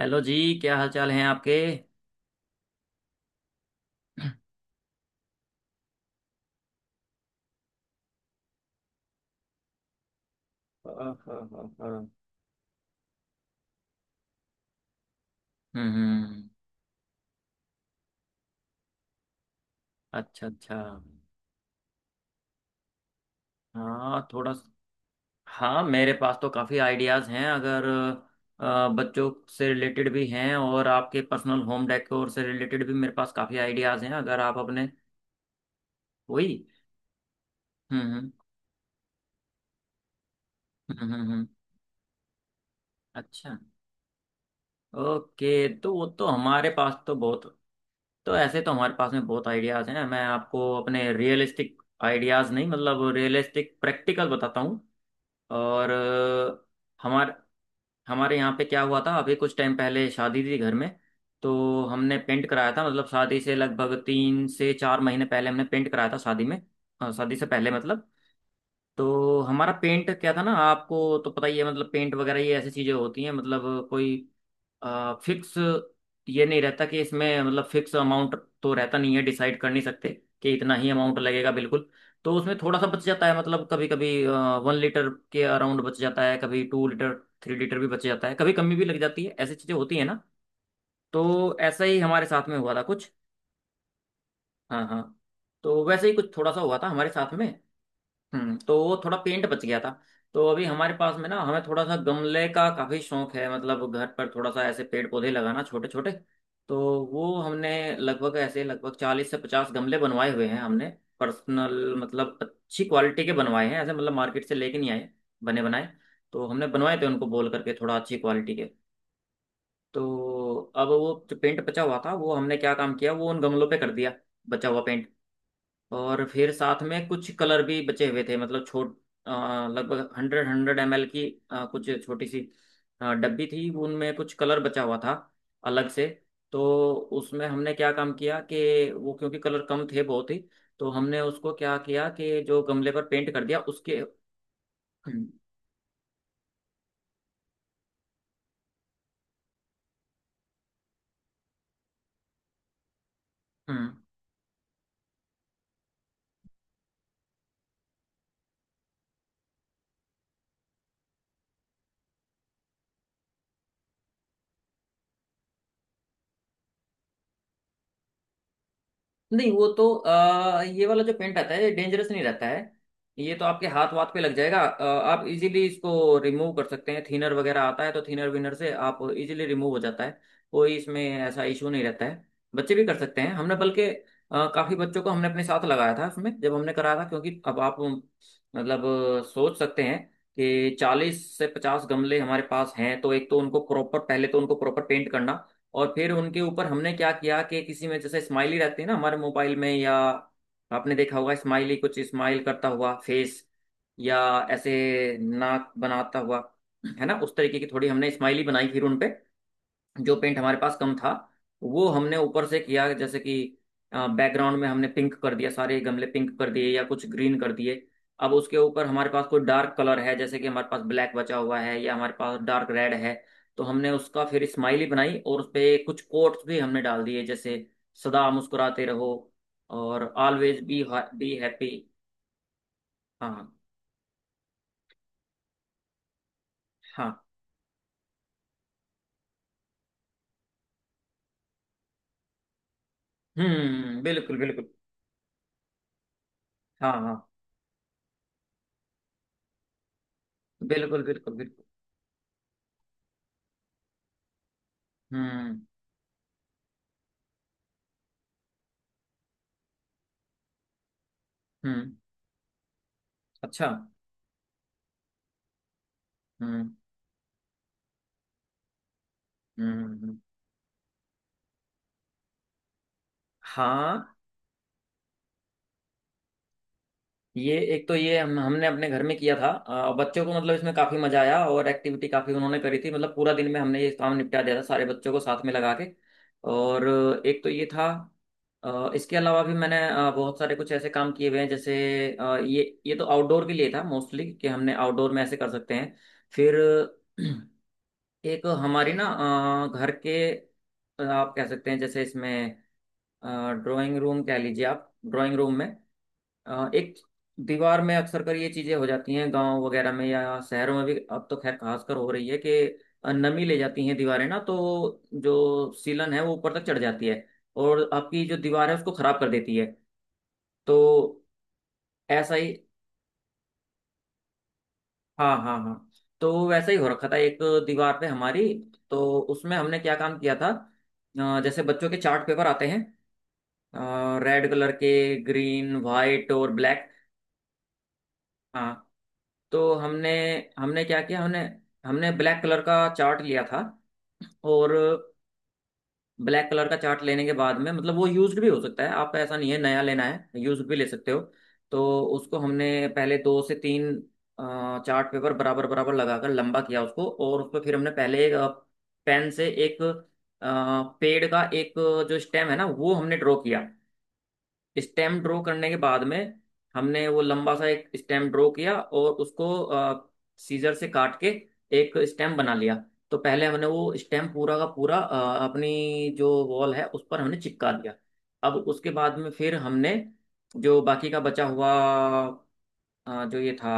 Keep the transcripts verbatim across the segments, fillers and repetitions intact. Hello जी। क्या हाल चाल हैं आपके? हाँ, हाँ, हाँ, हाँ। हम्म। अच्छा, अच्छा। हाँ, थोड़ा स- हाँ, मेरे पास तो काफ़ी आइडियाज़ हैं अगर अ, बच्चों से रिलेटेड भी हैं और आपके पर्सनल होम डेकोर से रिलेटेड भी, मेरे पास काफ़ी आइडियाज़ हैं अगर आप अपने। वही। हम्म, हम्म, हम्म, हम्म, हम्म। अच्छा। ओके, तो वो तो हमारे पास तो बहुत। तो ऐसे तो हमारे पास में बहुत आइडियाज हैं, मैं आपको अपने रियलिस्टिक आइडियाज नहीं मतलब रियलिस्टिक प्रैक्टिकल बताता हूँ। और हमारे हमारे यहाँ पे क्या हुआ था, अभी कुछ टाइम पहले शादी थी घर में। तो हमने पेंट कराया था मतलब शादी से लगभग तीन से चार महीने पहले हमने पेंट कराया था शादी में। हाँ, शादी से पहले मतलब। तो हमारा पेंट क्या था ना, आपको तो पता ही है मतलब पेंट वगैरह ये ऐसी चीजें होती हैं, मतलब कोई फिक्स ये नहीं रहता कि इसमें मतलब फिक्स अमाउंट तो रहता नहीं है, डिसाइड कर नहीं सकते कि इतना ही अमाउंट लगेगा बिल्कुल। तो उसमें थोड़ा सा बच जाता है मतलब कभी कभी वन लीटर के अराउंड बच जाता है, कभी टू लीटर थ्री लीटर भी बच जाता है, कभी कमी भी लग जाती है, ऐसी चीज़ें होती है ना। तो ऐसा ही हमारे साथ में हुआ था कुछ। हाँ, हाँ। तो वैसे ही कुछ थोड़ा सा हुआ था हमारे साथ में। हम्म तो वो थोड़ा पेंट बच गया था। तो अभी हमारे पास में ना, हमें थोड़ा सा गमले का काफी शौक है, मतलब घर पर थोड़ा सा ऐसे पेड़ पौधे लगाना छोटे छोटे। तो वो हमने लगभग, ऐसे लगभग चालीस से पचास गमले बनवाए हुए हैं हमने। पर्सनल मतलब अच्छी क्वालिटी के बनवाए हैं, ऐसे मतलब मार्केट से लेके नहीं आए बने बनाए। तो हमने बनवाए थे उनको बोल करके, थोड़ा अच्छी क्वालिटी के। तो अब वो जो पेंट बचा हुआ था, वो हमने क्या काम किया, वो उन गमलों पे कर दिया, बचा हुआ पेंट। और फिर साथ में कुछ कलर भी बचे हुए थे, मतलब छोट अ, लगभग हंड्रेड हंड्रेड एम एल की अ, कुछ छोटी सी अ, डब्बी थी, उनमें कुछ कलर बचा हुआ था अलग से। तो उसमें हमने क्या काम किया कि वो, क्योंकि कलर कम थे बहुत ही, तो हमने उसको क्या किया कि जो गमले पर पेंट कर दिया उसके हम्म। नहीं, वो तो आ, ये वाला जो पेंट आता है ये डेंजरस नहीं रहता है। ये तो आपके हाथ वाथ पे लग जाएगा, अ, आप इजीली इसको रिमूव कर सकते हैं, थिनर वगैरह आता है तो थिनर विनर से आप इजीली रिमूव हो जाता है। कोई इसमें ऐसा इशू नहीं रहता है। बच्चे भी कर सकते हैं, हमने बल्कि अ, काफी बच्चों को हमने अपने साथ लगाया था उसमें, जब हमने कराया था, क्योंकि अब आप मतलब अ, सोच सकते हैं कि चालीस से पचास गमले हमारे पास हैं तो एक तो उनको प्रॉपर, पहले तो उनको प्रॉपर पेंट करना। और फिर उनके ऊपर हमने क्या किया कि किसी में जैसे स्माइली रहती है ना हमारे मोबाइल में, या आपने देखा होगा, स्माइली कुछ स्माइल करता हुआ फेस, या ऐसे नाक बनाता हुआ, है ना, उस तरीके की थोड़ी हमने स्माइली बनाई फिर उनपे। जो पेंट हमारे पास कम था, वो हमने ऊपर से किया, जैसे कि बैकग्राउंड में हमने पिंक कर दिया, सारे गमले पिंक कर दिए या कुछ ग्रीन कर दिए। अब उसके ऊपर हमारे पास कोई डार्क कलर है, जैसे कि हमारे पास ब्लैक बचा हुआ है या हमारे पास डार्क रेड है, तो हमने उसका फिर स्माइली बनाई और उस पे कुछ कोट्स भी हमने डाल दिए जैसे सदा मुस्कुराते रहो और ऑलवेज बी बी हैप्पी। हाँ हाँ। हम्म, बिल्कुल बिल्कुल। हाँ, हाँ। बिल्कुल, बिल्कुल, बिल्कुल। हम्म, हम्म। अच्छा। हम्म, हम्म, हाँ। ये एक तो ये हम हमने अपने घर में किया था, अ, बच्चों को मतलब इसमें काफी मजा आया और एक्टिविटी काफी उन्होंने करी थी, मतलब पूरा दिन में हमने ये काम निपटा दिया था, सारे बच्चों को साथ में लगा के। और एक तो ये था। अ, इसके अलावा भी मैंने अ, बहुत सारे कुछ ऐसे काम किए हुए हैं, जैसे अ, ये ये तो आउटडोर के लिए था मोस्टली, कि हमने आउटडोर में ऐसे कर सकते हैं। फिर एक हमारी ना, अ, घर के अ, आप कह सकते हैं जैसे इसमें ड्राइंग रूम कह लीजिए, आप ड्राइंग रूम में अ, एक दीवार में अक्सर कर ये चीजें हो जाती हैं गांव वगैरह में या शहरों में भी, अब तो खैर खासकर हो रही है कि नमी ले जाती हैं दीवारें ना, तो जो सीलन है वो ऊपर तक चढ़ जाती है और आपकी जो दीवार है उसको खराब कर देती है। तो ऐसा ही, हाँ, हाँ, हाँ, तो वैसा ही हो रखा था एक दीवार पे हमारी। तो उसमें हमने क्या काम किया था, अ, जैसे बच्चों के चार्ट पेपर आते हैं रेड कलर के, ग्रीन वाइट और ब्लैक। हाँ। तो हमने हमने क्या किया, हमने हमने ब्लैक कलर का चार्ट लिया था। और ब्लैक कलर का चार्ट लेने के बाद में, मतलब वो यूज्ड भी हो सकता है आपका, ऐसा नहीं है नया लेना है, यूज्ड भी ले सकते हो। तो उसको हमने पहले दो से तीन अ, चार्ट पेपर बराबर बराबर लगाकर लंबा किया उसको, और उस पर फिर हमने पहले एक अ, पेन से एक अ, पेड़ का एक जो स्टेम है ना वो हमने ड्रॉ किया। स्टेम ड्रॉ करने के बाद में हमने वो लंबा सा एक स्टेम ड्रॉ किया और उसको सीजर से काट के एक स्टेम बना लिया। तो पहले हमने वो स्टेम पूरा का पूरा अ, अपनी जो वॉल है उस पर हमने चिपका दिया। अब उसके बाद में फिर हमने जो बाकी का बचा हुआ अ, जो ये था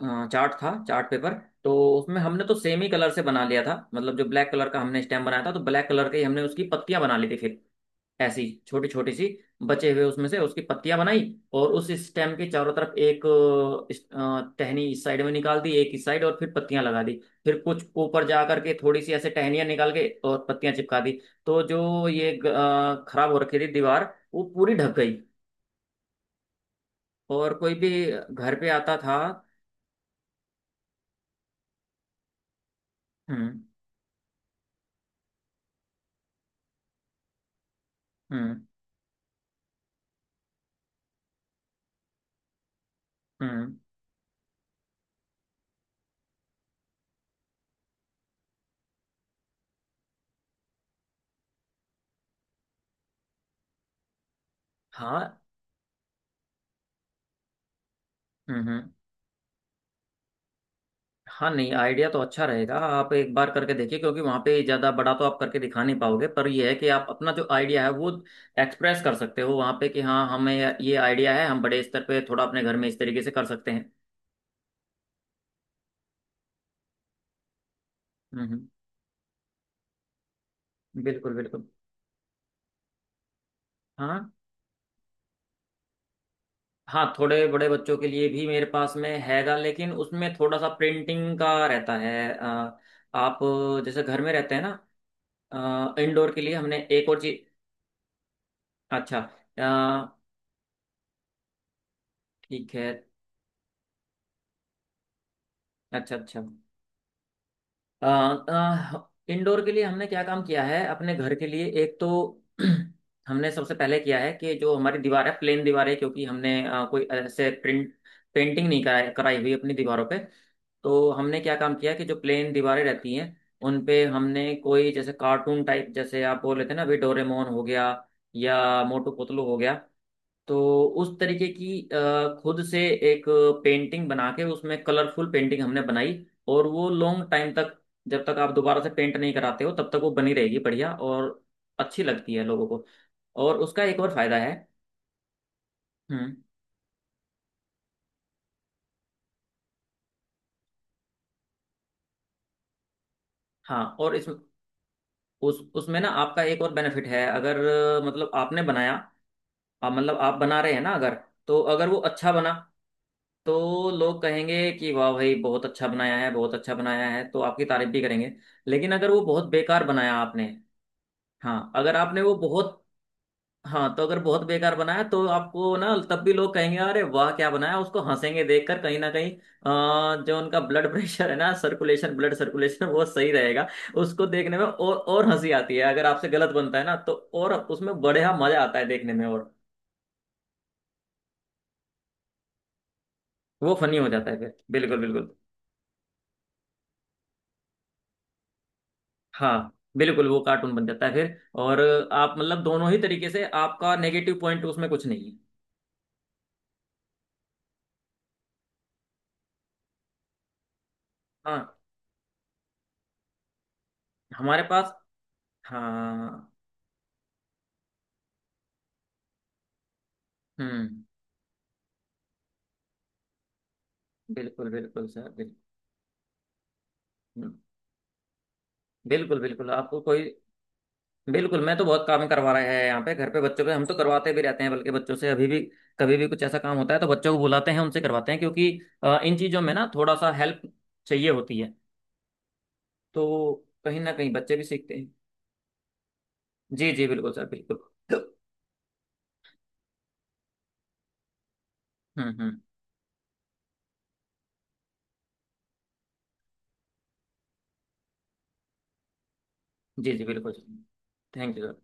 अ, चार्ट था चार्ट पेपर, तो उसमें हमने तो सेम ही कलर से बना लिया था, मतलब जो ब्लैक कलर का हमने स्टेम बनाया था तो ब्लैक कलर के ही हमने उसकी पत्तियां बना ली थी फिर, ऐसी छोटी छोटी सी, बचे हुए उसमें से उसकी पत्तियां बनाई। और उस स्टेम के चारों तरफ एक अ, इस- अ, टहनी इस साइड में निकाल दी, एक इस साइड, और फिर पत्तियां लगा दी। फिर कुछ ऊपर जा करके थोड़ी सी ऐसे टहनियां निकाल के और पत्तियां चिपका दी। तो जो ये ग- अ, खराब हो रखी थी दीवार, वो पूरी ढक गई। और कोई भी घर पे आता था। हम्म, हम्म, हम्म। हाँ। हम्म, हम्म। हाँ, नहीं, आइडिया तो अच्छा रहेगा, आप एक बार करके देखिए क्योंकि वहाँ पे ज़्यादा बड़ा तो आप करके दिखा नहीं पाओगे, पर यह है कि आप अपना जो आइडिया है वो एक्सप्रेस कर सकते हो वहाँ पे कि हाँ, हमें ये आइडिया है, हम बड़े स्तर पे थोड़ा अपने घर में इस तरीके से कर सकते हैं। हम्म, बिल्कुल बिल्कुल। हाँ, हाँ, थोड़े बड़े बच्चों के लिए भी मेरे पास में हैगा, लेकिन उसमें थोड़ा सा प्रिंटिंग का रहता है, अ, आप जैसे घर में रहते हैं ना, इंडोर के लिए हमने एक और चीज। अच्छा। अ, ठीक है। अच्छा, अच्छा। अ, अ, इंडोर के लिए हमने क्या काम किया है अपने घर के लिए, एक तो हमने सबसे पहले किया है कि जो हमारी दीवार है प्लेन दीवार है, क्योंकि हमने अ, कोई ऐसे प्रिंट पेंटिंग नहीं कराई, कराई हुई अपनी दीवारों पे। तो हमने क्या काम किया कि जो प्लेन दीवारें रहती हैं उन पे हमने कोई जैसे कार्टून टाइप, जैसे आप बोल रहे थे ना अभी, डोरेमोन हो गया या मोटू पतलू हो गया, तो उस तरीके की अ, खुद से एक पेंटिंग बना के उसमें कलरफुल पेंटिंग हमने बनाई। और वो लॉन्ग टाइम तक, जब तक आप दोबारा से पेंट नहीं कराते हो तब तक वो बनी रहेगी, बढ़िया और अच्छी लगती है लोगों को। और उसका एक और फायदा है। हम्म। हाँ, और इस उस उसमें ना आपका एक और बेनिफिट है अगर, अ, मतलब आपने बनाया, आप मतलब आप बना रहे हैं ना, अगर तो अगर वो अच्छा बना तो लोग कहेंगे कि वाह भाई बहुत अच्छा बनाया है बहुत अच्छा बनाया है, तो आपकी तारीफ भी करेंगे। लेकिन अगर वो बहुत बेकार बनाया आपने, हाँ अगर आपने वो बहुत, हाँ तो अगर बहुत बेकार बनाया तो आपको ना तब भी लोग कहेंगे अरे वाह क्या बनाया, उसको हंसेंगे देखकर, कहीं ना कहीं अ, जो उनका ब्लड प्रेशर है ना सर्कुलेशन, ब्लड सर्कुलेशन वो सही रहेगा। उसको देखने में, और और हंसी आती है अगर आपसे गलत बनता है ना, तो और उसमें बढ़िया मजा आता है देखने में और, वो फनी हो जाता है फिर, बिल्कुल बिल्कुल। हाँ, बिल्कुल वो कार्टून बन जाता है फिर। और आप मतलब दोनों ही तरीके से आपका नेगेटिव पॉइंट उसमें कुछ नहीं है। हाँ, हमारे पास। हाँ। हम्म, बिल्कुल बिल्कुल सर बिल्कुल। हम्म, बिल्कुल बिल्कुल, आपको कोई बिल्कुल, मैं तो बहुत काम करवा रहे हैं यहाँ पे घर पे बच्चों पे, हम तो करवाते भी रहते हैं बल्कि बच्चों से, अभी भी कभी भी कुछ ऐसा काम होता है तो बच्चों को बुलाते हैं, उनसे करवाते हैं, क्योंकि अ, इन चीज़ों में ना थोड़ा सा हेल्प चाहिए होती है। तो कहीं ना कहीं बच्चे भी सीखते हैं। जी जी बिल्कुल सर बिल्कुल। हम्म, हम्म। जी जी बिल्कुल। Thank you.